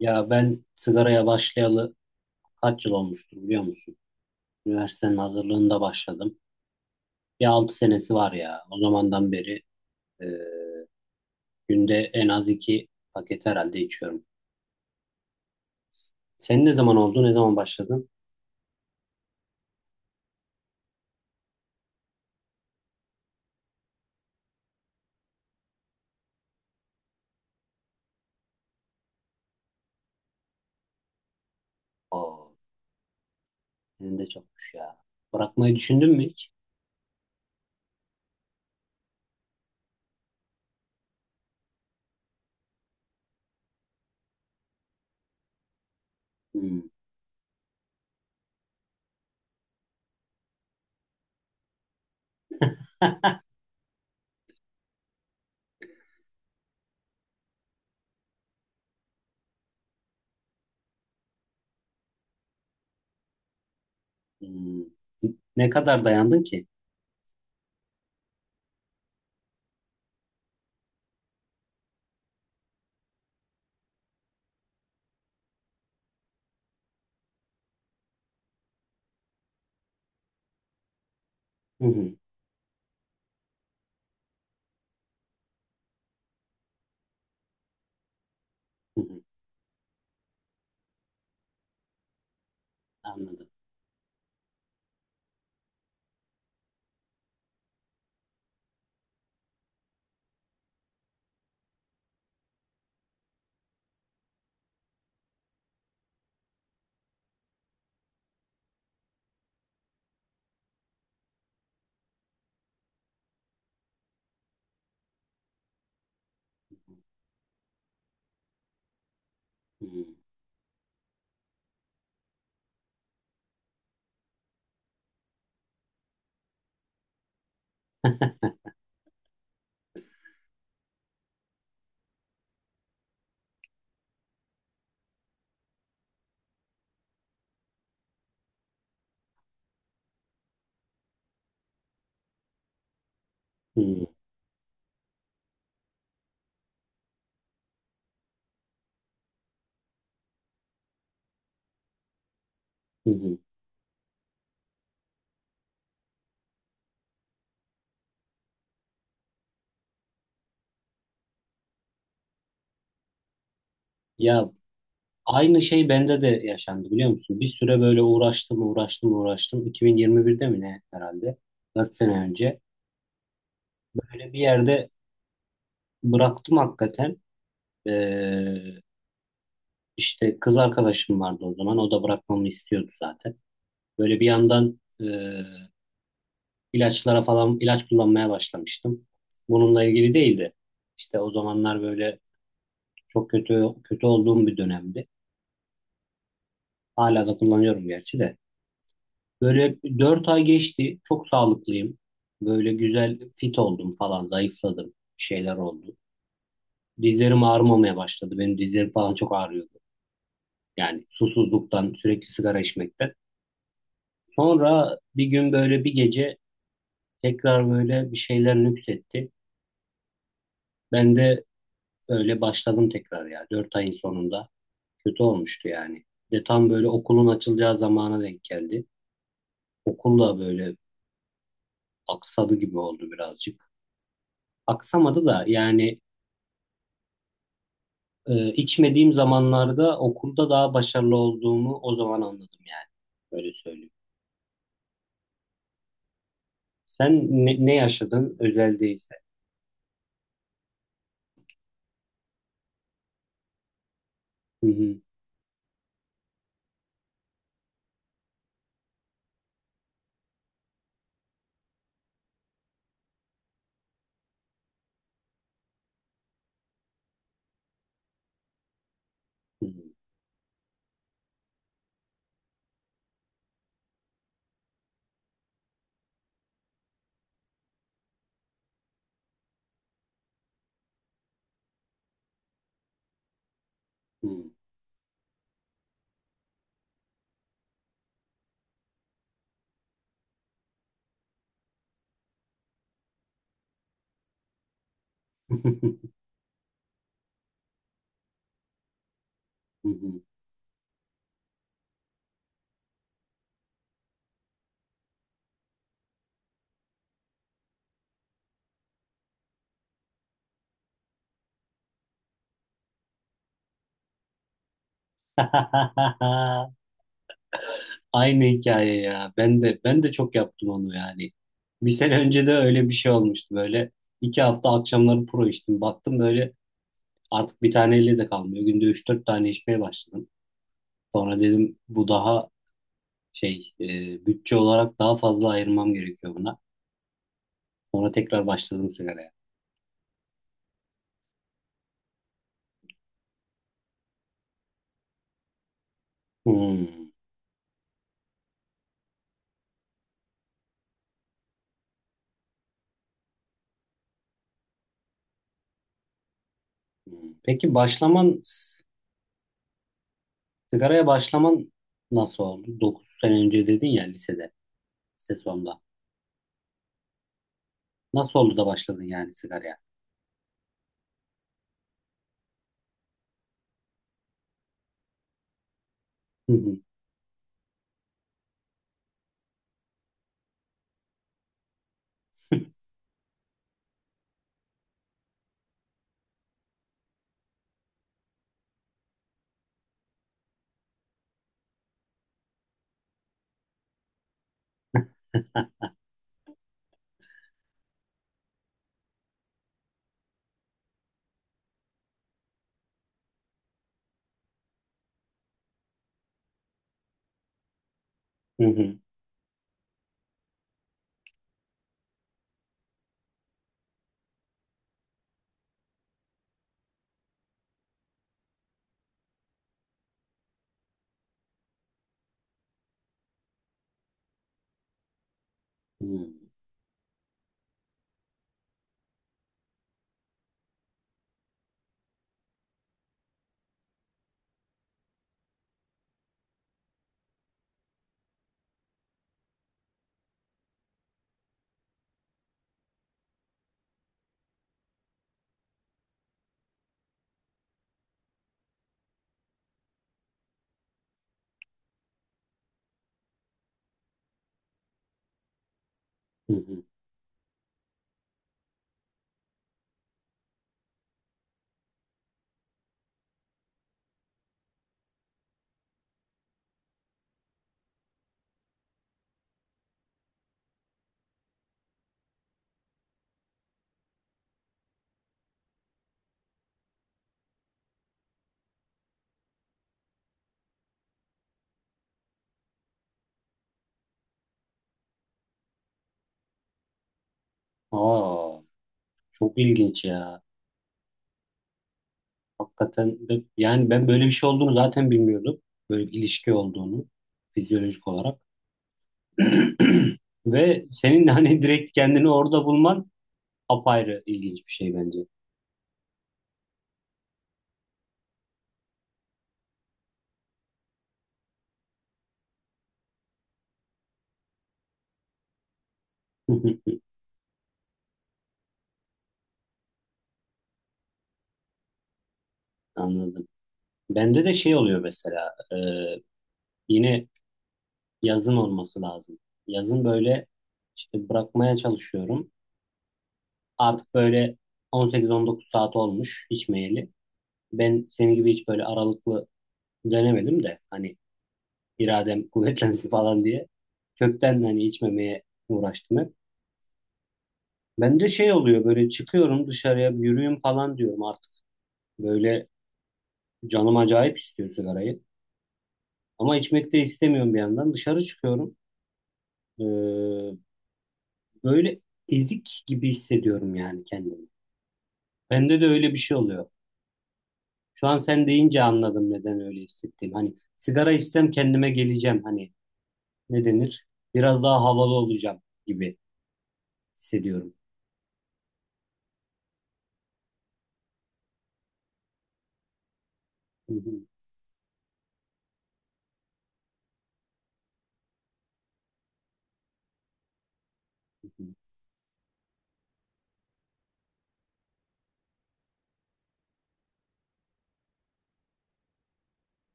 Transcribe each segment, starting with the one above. Ya ben sigaraya başlayalı kaç yıl olmuştur, biliyor musun? Üniversitenin hazırlığında başladım. Bir 6 senesi var ya. O zamandan beri e, günde en az 2 paket herhalde içiyorum. Sen ne zaman oldu? Ne zaman başladın? Oo, senin de çokmuş ya. Bırakmayı düşündün mü hiç? Hmm. Hmm. Ne kadar dayandın ki? Hı hı. Hı hı. Anladım. Hmm. Hı hı. Hı hı. Ya, aynı şey bende de yaşandı, biliyor musun? Bir süre böyle uğraştım, uğraştım, uğraştım. 2021'de mi ne herhalde? 4 sene önce. Böyle bir yerde bıraktım hakikaten. Ee, işte kız arkadaşım vardı o zaman. O da bırakmamı istiyordu zaten. Böyle bir yandan ilaçlara falan ilaç kullanmaya başlamıştım. Bununla ilgili değildi. İşte o zamanlar böyle çok kötü kötü olduğum bir dönemdi. Hala da kullanıyorum gerçi de. Böyle 4 ay geçti. Çok sağlıklıyım. Böyle güzel fit oldum falan. Zayıfladım. Bir şeyler oldu. Dizlerim ağrımamaya başladı. Benim dizlerim falan çok ağrıyordu. Yani susuzluktan, sürekli sigara içmekten. Sonra bir gün böyle bir gece tekrar böyle bir şeyler nüksetti. Ben de öyle başladım tekrar ya. 4 ayın sonunda. Kötü olmuştu yani. De tam böyle okulun açılacağı zamana denk geldi. Okul da böyle aksadı gibi oldu birazcık, aksamadı da yani içmediğim zamanlarda okulda daha başarılı olduğumu o zaman anladım yani. Öyle söyleyeyim. Sen ne yaşadın, özel değilse? Hı hı. Hı hı. Hı hı. Hı hı. Aynı hikaye ya. Ben de çok yaptım onu yani. Bir sene önce de öyle bir şey olmuştu böyle. 2 hafta akşamları pro içtim. Baktım böyle artık bir tane elle de kalmıyor. Günde 3-4 tane içmeye başladım. Sonra dedim bu daha şey, bütçe olarak daha fazla ayırmam gerekiyor buna. Sonra tekrar başladım sigaraya. Hmm. Hmm. Sigaraya başlaman nasıl oldu? 9 sene önce dedin ya, lisede, lise sonunda. Nasıl oldu da başladın yani sigaraya? Hı hı. Hı hı. Hı hı. Aa, çok ilginç ya. Yani ben böyle bir şey olduğunu zaten bilmiyordum. Böyle bir ilişki olduğunu, fizyolojik olarak. Ve senin hani direkt kendini orada bulman apayrı ilginç bir şey bence. Anladım. Bende de şey oluyor mesela, yine yazın olması lazım. Yazın böyle işte bırakmaya çalışıyorum. Artık böyle 18-19 saat olmuş içmeyeli. Ben senin gibi hiç böyle aralıklı denemedim de hani, iradem kuvvetlensin falan diye kökten hani içmemeye uğraştım hep. Bende şey oluyor, böyle çıkıyorum dışarıya, bir yürüyüm falan diyorum artık. Böyle canım acayip istiyor sigarayı. Ama içmek de istemiyorum bir yandan. Dışarı çıkıyorum. Ee, Böyle ezik gibi hissediyorum yani kendimi. Bende de öyle bir şey oluyor. Şu an sen deyince anladım neden öyle hissettiğim. Hani sigara içsem kendime geleceğim. Hani, ne denir? Biraz daha havalı olacağım gibi hissediyorum.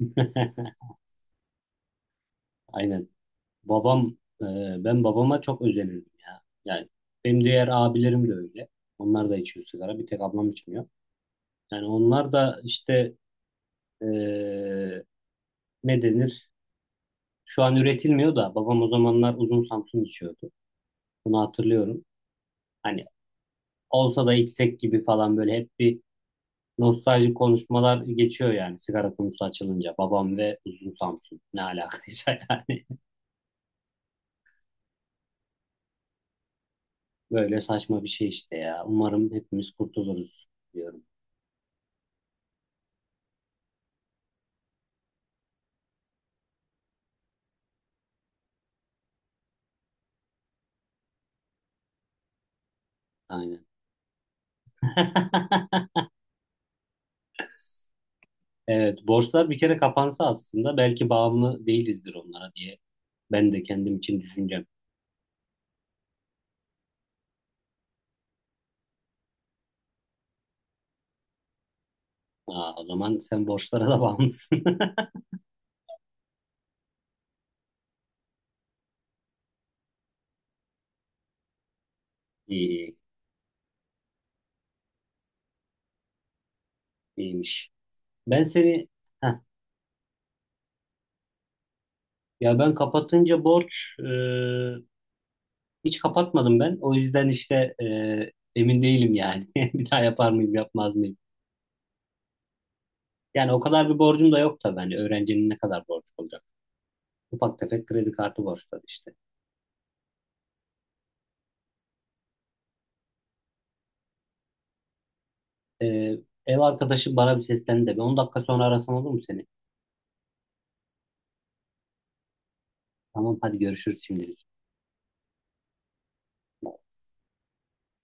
Aynen. Babam, e, ben babama çok özenirdim ya. Yani benim diğer abilerim de öyle. Onlar da içiyor sigara. Bir tek ablam içmiyor. Yani onlar da işte, e, ne denir? Şu an üretilmiyor da babam o zamanlar uzun Samsun içiyordu. Bunu hatırlıyorum. Hani olsa da içsek gibi falan, böyle hep bir nostaljik konuşmalar geçiyor yani sigara konusu açılınca. Babam ve uzun Samsun ne alakaysa yani. Böyle saçma bir şey işte ya. Umarım hepimiz kurtuluruz diyorum. Aynen. Evet, borçlar bir kere kapansa aslında belki bağımlı değilizdir onlara diye ben de kendim için düşüneceğim. Aa, o zaman sen borçlara da bağımlısın. İyi, iyiymiş. Ben seni, heh, ya ben kapatınca borç, hiç kapatmadım ben. O yüzden işte, emin değilim yani. Bir daha yapar mıyım, yapmaz mıyım? Yani o kadar bir borcum da yok tabii. Hani öğrencinin ne kadar borcu olacak? Ufak tefek kredi kartı borçları işte. E, ev arkadaşım bana bir seslendi de. Bir 10 dakika sonra arasam olur mu seni? Tamam hadi görüşürüz şimdi.